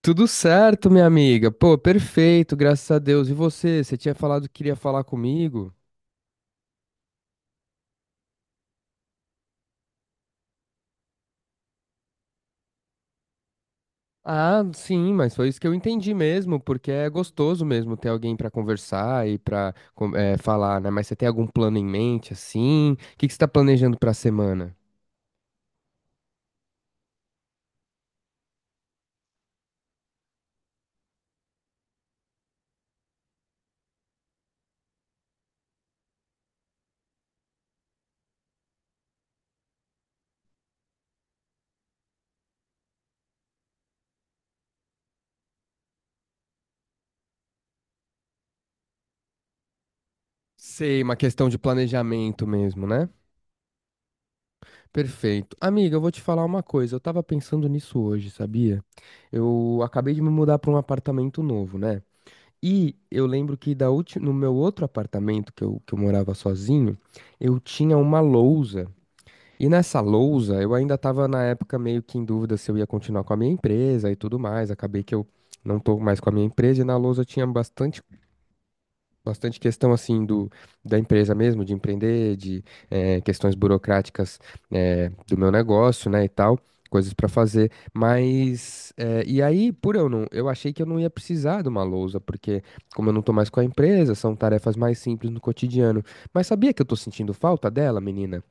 Tudo certo, minha amiga. Pô, perfeito, graças a Deus. E você? Você tinha falado que queria falar comigo? Ah, sim, mas foi isso que eu entendi mesmo, porque é gostoso mesmo ter alguém pra conversar e pra falar, né? Mas você tem algum plano em mente, assim? O que que você tá planejando pra semana? Sei, uma questão de planejamento mesmo, né? Perfeito. Amiga, eu vou te falar uma coisa. Eu tava pensando nisso hoje, sabia? Eu acabei de me mudar pra um apartamento novo, né? E eu lembro que no meu outro apartamento, que eu morava sozinho, eu tinha uma lousa. E nessa lousa, eu ainda estava na época meio que em dúvida se eu ia continuar com a minha empresa e tudo mais. Acabei que eu não tô mais com a minha empresa e na lousa tinha bastante questão assim do da empresa mesmo, de empreender, de questões burocráticas, do meu negócio, né, e tal, coisas para fazer. Mas e aí, por eu não, eu achei que eu não ia precisar de uma lousa, porque como eu não tô mais com a empresa, são tarefas mais simples no cotidiano. Mas sabia que eu tô sentindo falta dela, menina?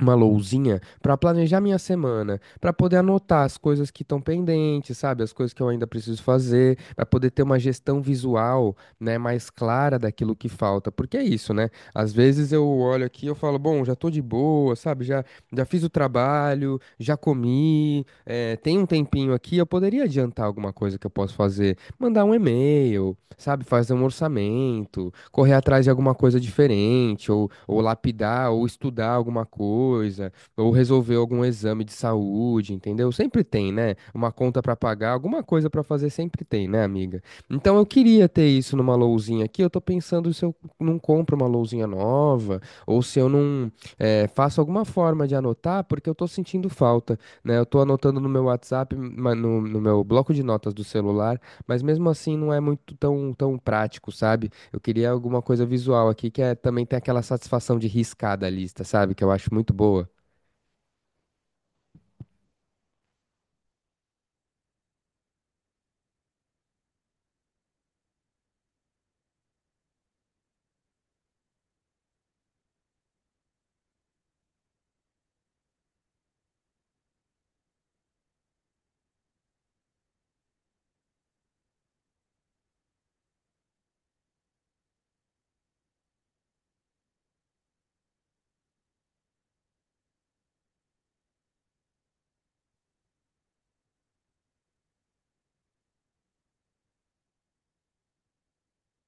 Uma lousinha para planejar minha semana, para poder anotar as coisas que estão pendentes, sabe, as coisas que eu ainda preciso fazer, para poder ter uma gestão visual, né, mais clara daquilo que falta. Porque é isso, né? Às vezes eu olho aqui e eu falo, bom, já tô de boa, sabe? Já fiz o trabalho, já comi, tem um tempinho aqui, eu poderia adiantar alguma coisa que eu posso fazer, mandar um e-mail, sabe, fazer um orçamento, correr atrás de alguma coisa diferente, ou lapidar, ou estudar alguma coisa, ou resolver algum exame de saúde, entendeu? Sempre tem, né? Uma conta pra pagar, alguma coisa pra fazer sempre tem, né, amiga? Então eu queria ter isso numa lousinha aqui. Eu tô pensando se eu não compro uma lousinha nova, ou se eu não faço alguma forma de anotar, porque eu tô sentindo falta, né? Eu tô anotando no meu WhatsApp, no meu bloco de notas do celular. Mas mesmo assim não é muito tão prático, sabe? Eu queria alguma coisa visual aqui que é, também tem aquela satisfação de riscar da lista, sabe? Que eu acho muito boa.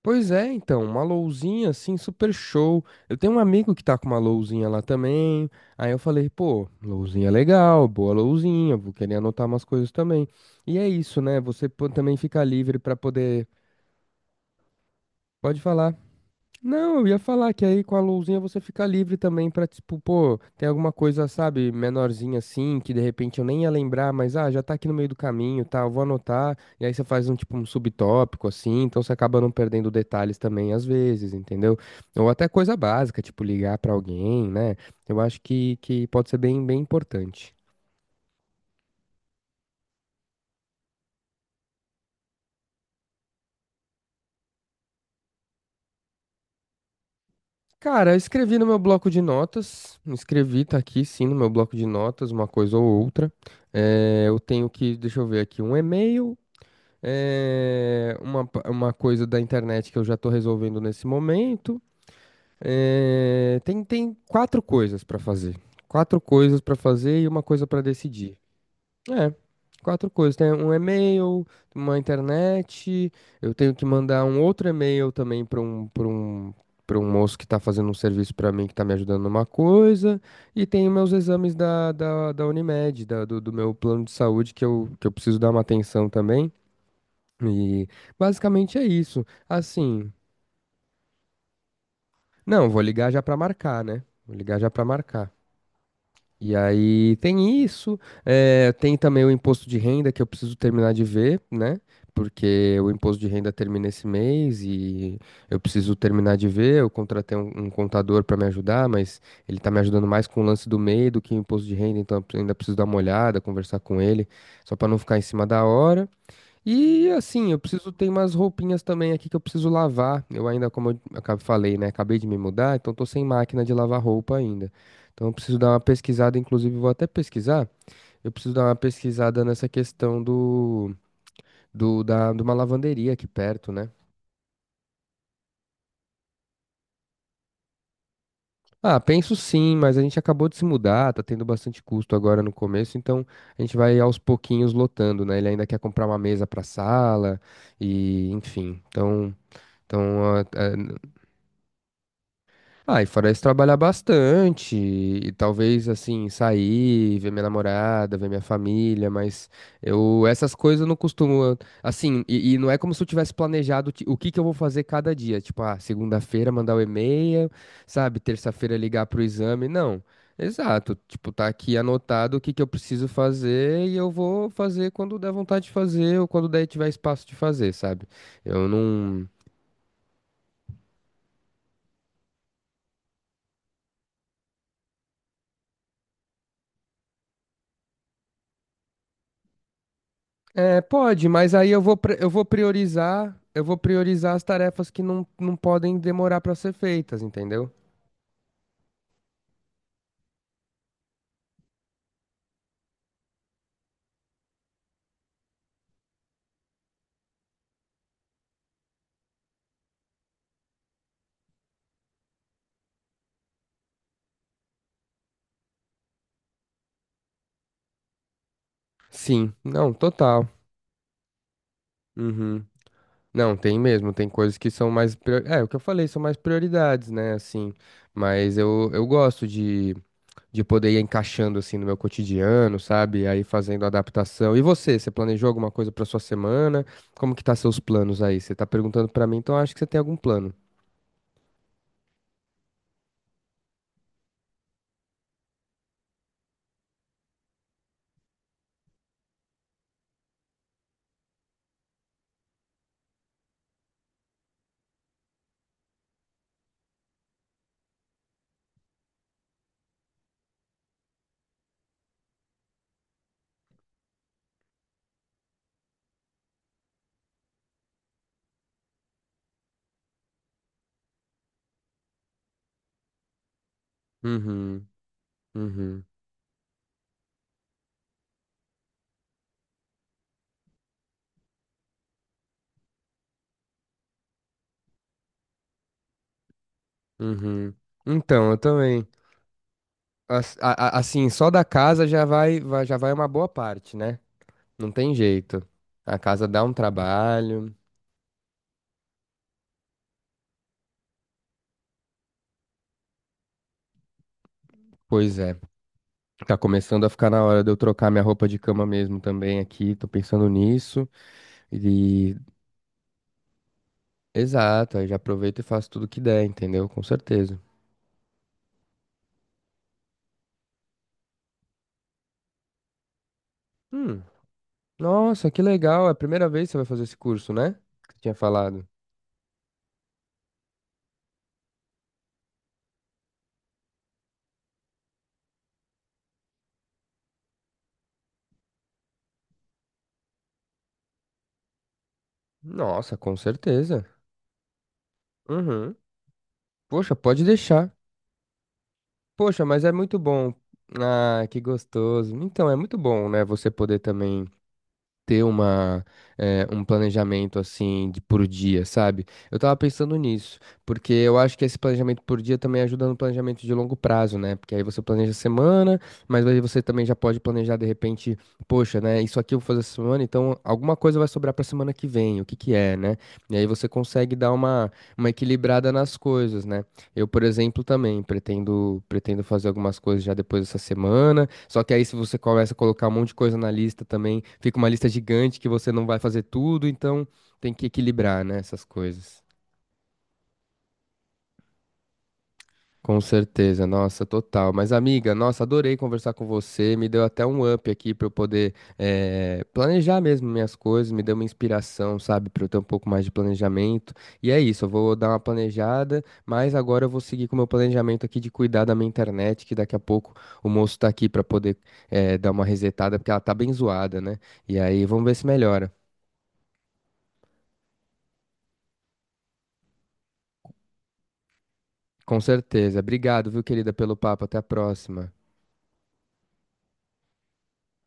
Pois é, então, uma lousinha assim, super show. Eu tenho um amigo que tá com uma lousinha lá também. Aí eu falei, pô, lousinha legal, boa lousinha, vou querer anotar umas coisas também. E é isso, né? Você também fica livre pra poder. Pode falar. Não, eu ia falar que aí com a luzinha você fica livre também pra, tipo, pô, tem alguma coisa, sabe, menorzinha assim, que de repente eu nem ia lembrar, mas ah, já tá aqui no meio do caminho, tá, eu vou anotar, e aí você faz um tipo um subtópico assim, então você acaba não perdendo detalhes também às vezes, entendeu? Ou até coisa básica, tipo ligar pra alguém, né? Eu acho que pode ser bem importante. Cara, eu escrevi no meu bloco de notas, escrevi, tá aqui sim no meu bloco de notas, uma coisa ou outra. É, eu tenho que, deixa eu ver aqui, um e-mail, é uma, uma coisa da internet que eu já estou resolvendo nesse momento. É, tem quatro coisas para fazer. Quatro coisas para fazer e uma coisa para decidir. É, quatro coisas. Tem um e-mail, uma internet. Eu tenho que mandar um outro e-mail também para um moço que está fazendo um serviço para mim, que está me ajudando numa coisa. E tem os meus exames da Unimed, do meu plano de saúde, que eu preciso dar uma atenção também. E basicamente é isso. Assim, não, vou ligar já pra marcar, né? Vou ligar já pra marcar. E aí tem isso, tem também o imposto de renda que eu preciso terminar de ver, né? Porque o imposto de renda termina esse mês e eu preciso terminar de ver. Eu contratei um contador para me ajudar, mas ele tá me ajudando mais com o lance do MEI do que o imposto de renda, então eu ainda preciso dar uma olhada, conversar com ele, só para não ficar em cima da hora. E assim, eu preciso ter umas roupinhas também aqui que eu preciso lavar. Eu ainda, como eu falei, né? Acabei de me mudar, então tô sem máquina de lavar roupa ainda. Então eu preciso dar uma pesquisada, inclusive vou até pesquisar. Eu preciso dar uma pesquisada nessa questão de uma lavanderia aqui perto, né? Ah, penso sim, mas a gente acabou de se mudar, tá tendo bastante custo agora no começo, então a gente vai aos pouquinhos lotando, né? Ele ainda quer comprar uma mesa pra sala e, enfim. Então, então, ah, e fora isso, trabalhar bastante, e talvez, assim, sair, ver minha namorada, ver minha família, mas eu, essas coisas eu não costumo, assim, e não é como se eu tivesse planejado o que que eu vou fazer cada dia, tipo, ah, segunda-feira mandar o e-mail, sabe, terça-feira ligar pro exame, não, exato, tipo, tá aqui anotado o que que eu preciso fazer e eu vou fazer quando der vontade de fazer ou quando der tiver espaço de fazer, sabe, eu não... É, pode, mas aí eu vou, eu vou priorizar as tarefas que não podem demorar para ser feitas, entendeu? Sim, não, total. Uhum. Não, tem mesmo, tem coisas que são mais, é, o que eu falei, são mais prioridades, né, assim, mas eu gosto de poder ir encaixando, assim, no meu cotidiano, sabe, aí fazendo adaptação. E você, você planejou alguma coisa para sua semana? Como que tá seus planos aí? Você tá perguntando para mim, então eu acho que você tem algum plano. Uhum, uhum. Uhum. Então, eu também. Assim, só da casa já vai, já vai uma boa parte, né? Não tem jeito. A casa dá um trabalho. Pois é. Tá começando a ficar na hora de eu trocar minha roupa de cama mesmo também aqui. Tô pensando nisso. E exato, aí já aproveito e faço tudo que der, entendeu? Com certeza. Hum. Nossa, que legal. É a primeira vez que você vai fazer esse curso, né? Que você tinha falado. Nossa, com certeza. Uhum. Poxa, pode deixar. Poxa, mas é muito bom. Ah, que gostoso. Então, é muito bom, né? Você poder também ter uma, um planejamento assim de por dia, sabe? Eu tava pensando nisso, porque eu acho que esse planejamento por dia também ajuda no planejamento de longo prazo, né? Porque aí você planeja a semana, mas aí você também já pode planejar de repente, poxa, né? Isso aqui eu vou fazer essa semana, então alguma coisa vai sobrar pra semana que vem, o que que é, né? E aí você consegue dar uma equilibrada nas coisas, né? Eu, por exemplo, também pretendo fazer algumas coisas já depois dessa semana. Só que aí, se você começa a colocar um monte de coisa na lista também, fica uma lista gigante que você não vai fazer tudo, então tem que equilibrar, né, essas coisas. Com certeza, nossa, total. Mas, amiga, nossa, adorei conversar com você. Me deu até um up aqui para eu poder planejar mesmo minhas coisas. Me deu uma inspiração, sabe, para eu ter um pouco mais de planejamento. E é isso, eu vou dar uma planejada, mas agora eu vou seguir com o meu planejamento aqui de cuidar da minha internet, que daqui a pouco o moço tá aqui para poder dar uma resetada, porque ela tá bem zoada, né? E aí, vamos ver se melhora. Com certeza. Obrigado, viu, querida, pelo papo. Até a próxima.